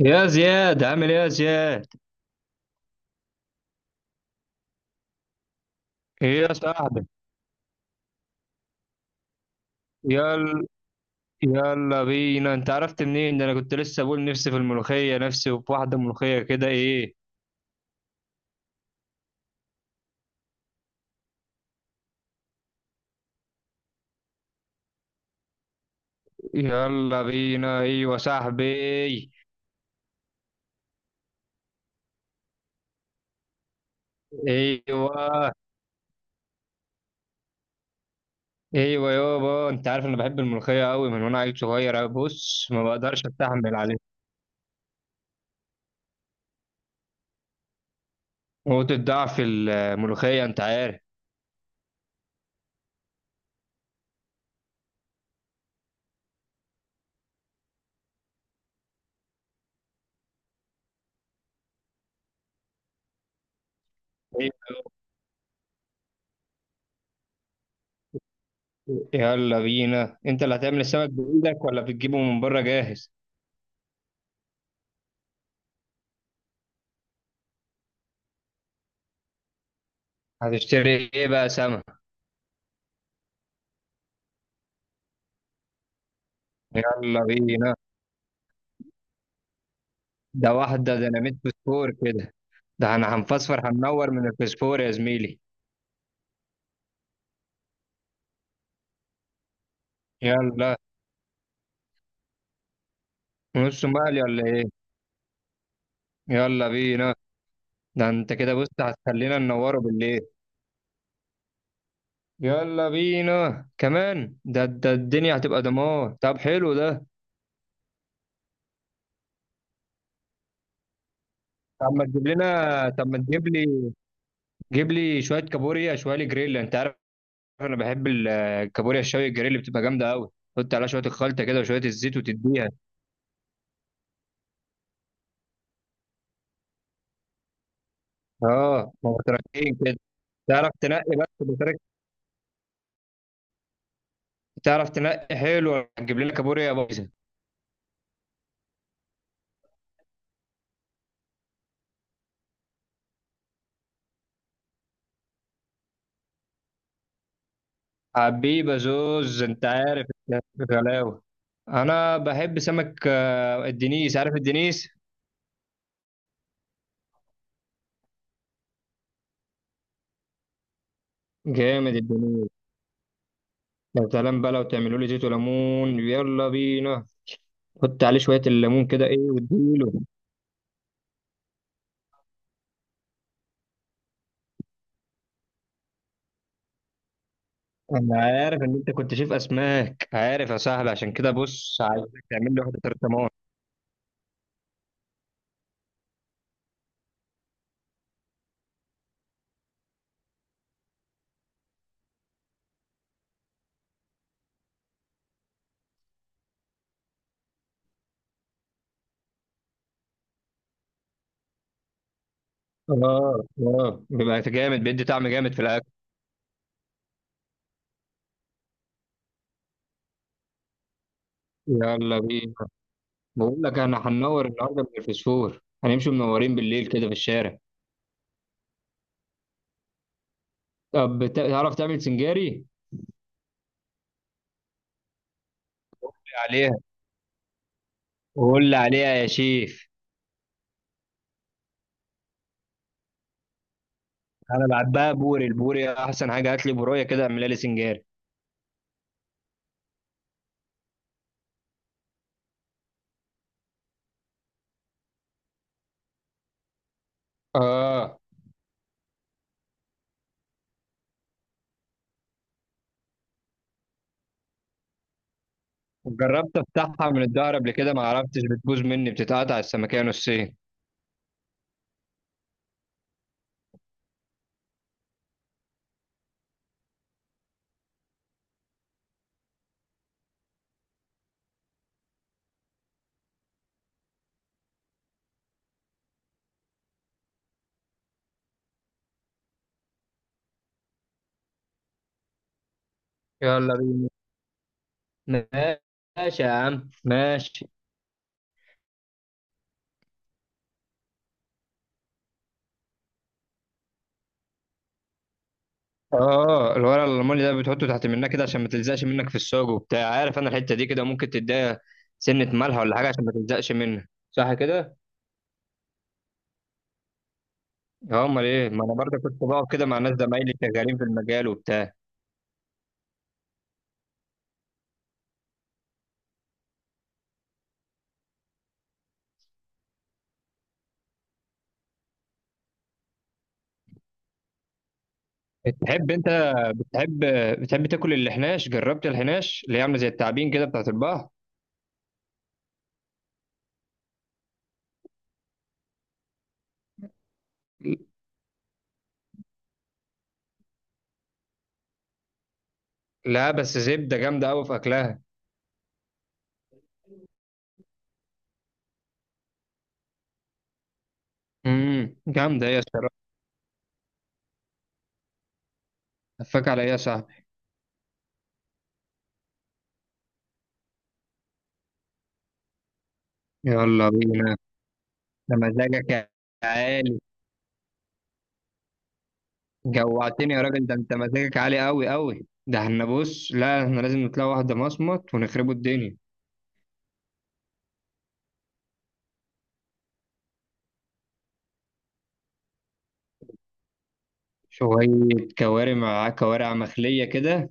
يا زياد، عامل ايه يا زياد؟ ايه يا صاحبي. يلا. يلا بينا، انت عرفت منين ده؟ انا كنت لسه بقول نفسي في الملوخيه، نفسي في واحده ملوخيه كده، ايه. يلا بينا. ايوه صاحبي. ايوه. ايوه يابا، انت عارف انا بحب الملوخيه قوي من وانا عيل صغير، بص ما بقدرش استحمل عليها. نقطه ضعف الملوخيه، انت عارف. يلا بينا. انت اللي هتعمل السمك بايدك ولا بتجيبه من بره جاهز؟ هتشتري ايه بقى سمك؟ يلا بينا. ده واحدة ديناميت فسفور كده. ده انا هنفسفر، هننور من الفسفور يا زميلي. يلا. نص مقلي ولا ايه؟ يلا بينا. ده انت كده بص هتخلينا ننوره بالليل. يلا بينا كمان، ده الدنيا هتبقى دمار، طب حلو ده. طب ما تجيب لي، جيب لي شوية كابوريا، شوية جريل انت عارف. انا بحب الكابوريا الشوي، الجريل بتبقى جامدة قوي. حط عليها شوية الخلطة كده وشوية الزيت وتديها. اه، ما هو تركين كده. تعرف تنقي بس بطريقة، تعرف تنقي حلو، هتجيب لنا كابوريا بايظه. حبيبه زوز انت عارف، غلاوه. انا بحب سمك الدنيس، عارف الدنيس؟ جامد الدنيس. يا سلام بقى لو تعملوا لي زيت وليمون، يلا بينا. حط عليه شويه الليمون كده، ايه، واديله. انا عارف ان انت كنت شايف اسماك عارف يا صاحبي، عشان كده بص عايزك تعمل لي واحده ترتمان. اه اه، بيبقى جامد، بيدي طعم جامد في الاكل. يلا بينا. بقول لك انا هننور النهارده من الفسفور، هنمشي منورين بالليل كده في الشارع. طب تعرف تعمل سنجاري؟ عليها، قول لي عليها يا شيف. انا بحبها بوري، البوري احسن حاجه، هات لي بوريه كده اعملها لي سنجاري. اه. جربت افتحها من الظهر قبل كده ما عرفتش، بتبوظ مني، بتتقطع السمكيه نصين. يلا بينا. ماشي يا عم، ماشي. اه، الورق الالماني ده بتحطه تحت منها كده عشان ما تلزقش منك في الساج وبتاع، عارف انا الحته دي كده ممكن تديها سنه ملح ولا حاجه عشان ما تلزقش منها، صح كده. اه امال ايه، ما انا برضه كنت بقعد كده مع ناس زمايلي شغالين في المجال وبتاع. بتحب بتحب تاكل الحناش؟ جربت الحناش اللي هي عامله زي التعابين كده بتاعت البحر؟ لا بس زبده جامده قوي في اكلها. جامده هي الصراحه. هفاك على ايه يا صاحبي؟ يلا بينا. ده مزاجك يا عالي. جوعتني يا راجل، ده انت مزاجك عالي قوي قوي، ده احنا بص، لا احنا لازم نطلع واحدة مصمت ونخربوا الدنيا. شوية كوارع، مع كوارع مخلية كده،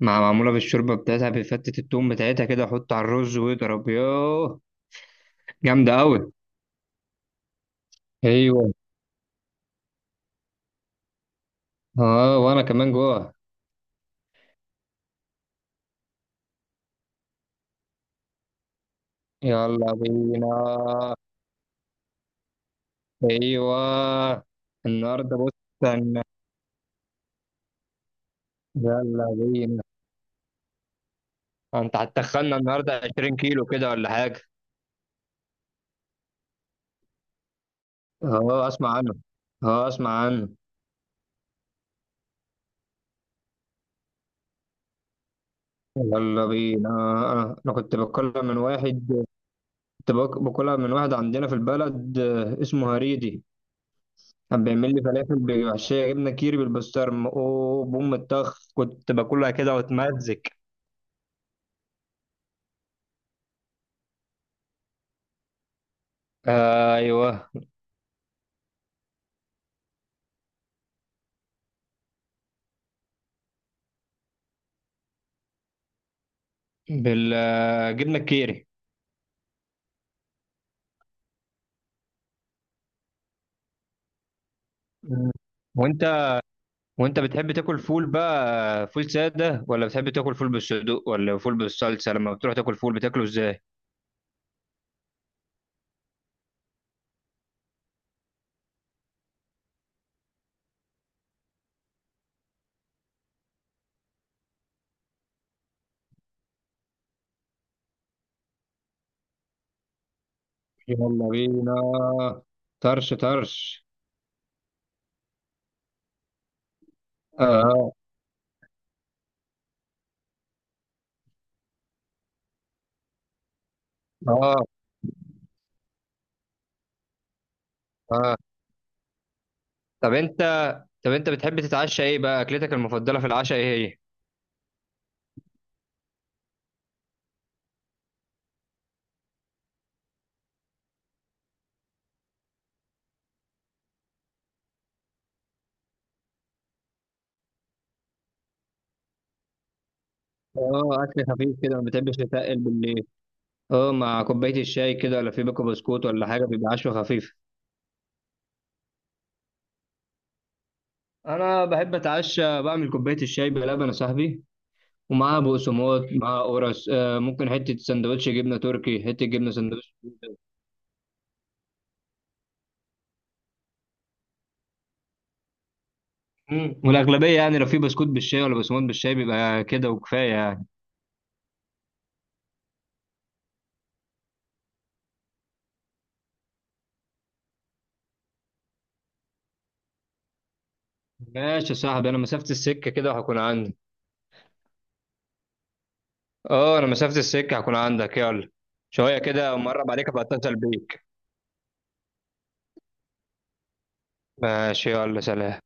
مع معمولة بالشوربة بتاعتها، بفتة التوم بتاعتها كده، حط على الرز واضرب يوه. جامدة قوي. ايوه. اه وانا كمان جوه. يلا بينا. ايوه. النهارده بص، هن- يلا بينا. انت هتخنا النهارده 20 كيلو كده ولا حاجة؟ اه اسمع عنه، اه اسمع عنه. يلا بينا. انا كنت باكلها من واحد، كنت باكلها من واحد عندنا في البلد، اسمه هريدي. كان بيعمل لي فلافل بمحشيه جبنه كيري بالبسطرمه، اوه بوم الطخ، كنت باكلها كده واتمزج. آه، ايوه. بالجبنه الكيري. مم. وانت وانت بتحب تاكل فول بقى، فول ساده ولا بتحب تاكل فول بالصدوق ولا فول بالصلصه؟ لما بتروح تاكل فول بتاكله ازاي؟ يلا بينا. طرش طرش. اه اه اه. طب انت طب انت بتحب تتعشى ايه بقى؟ اكلتك المفضله في العشاء ايه هي؟ اه اكل خفيف كده، ما بتحبش تتقل بالليل. اه مع كوبايه الشاي كده، ولا في بيكو بسكوت ولا حاجه بيبقى عشوه خفيفه. انا بحب اتعشى بعمل كوبايه الشاي بلبن يا صاحبي، ومعاها بقسماط، معاها قرص، ممكن حته سندوتش جبنه تركي، حته جبنه سندوتش. مم. والاغلبيه يعني لو في بسكوت بالشاي ولا بقسماط بالشاي بيبقى كده وكفايه يعني. ماشي يا صاحبي، انا مسافه السكه كده وهكون عندي. اه انا مسافة السكة هكون عندك، يلا. شوية كده مرة عليك، ابقى اتصل بيك. ماشي يلا، سلام.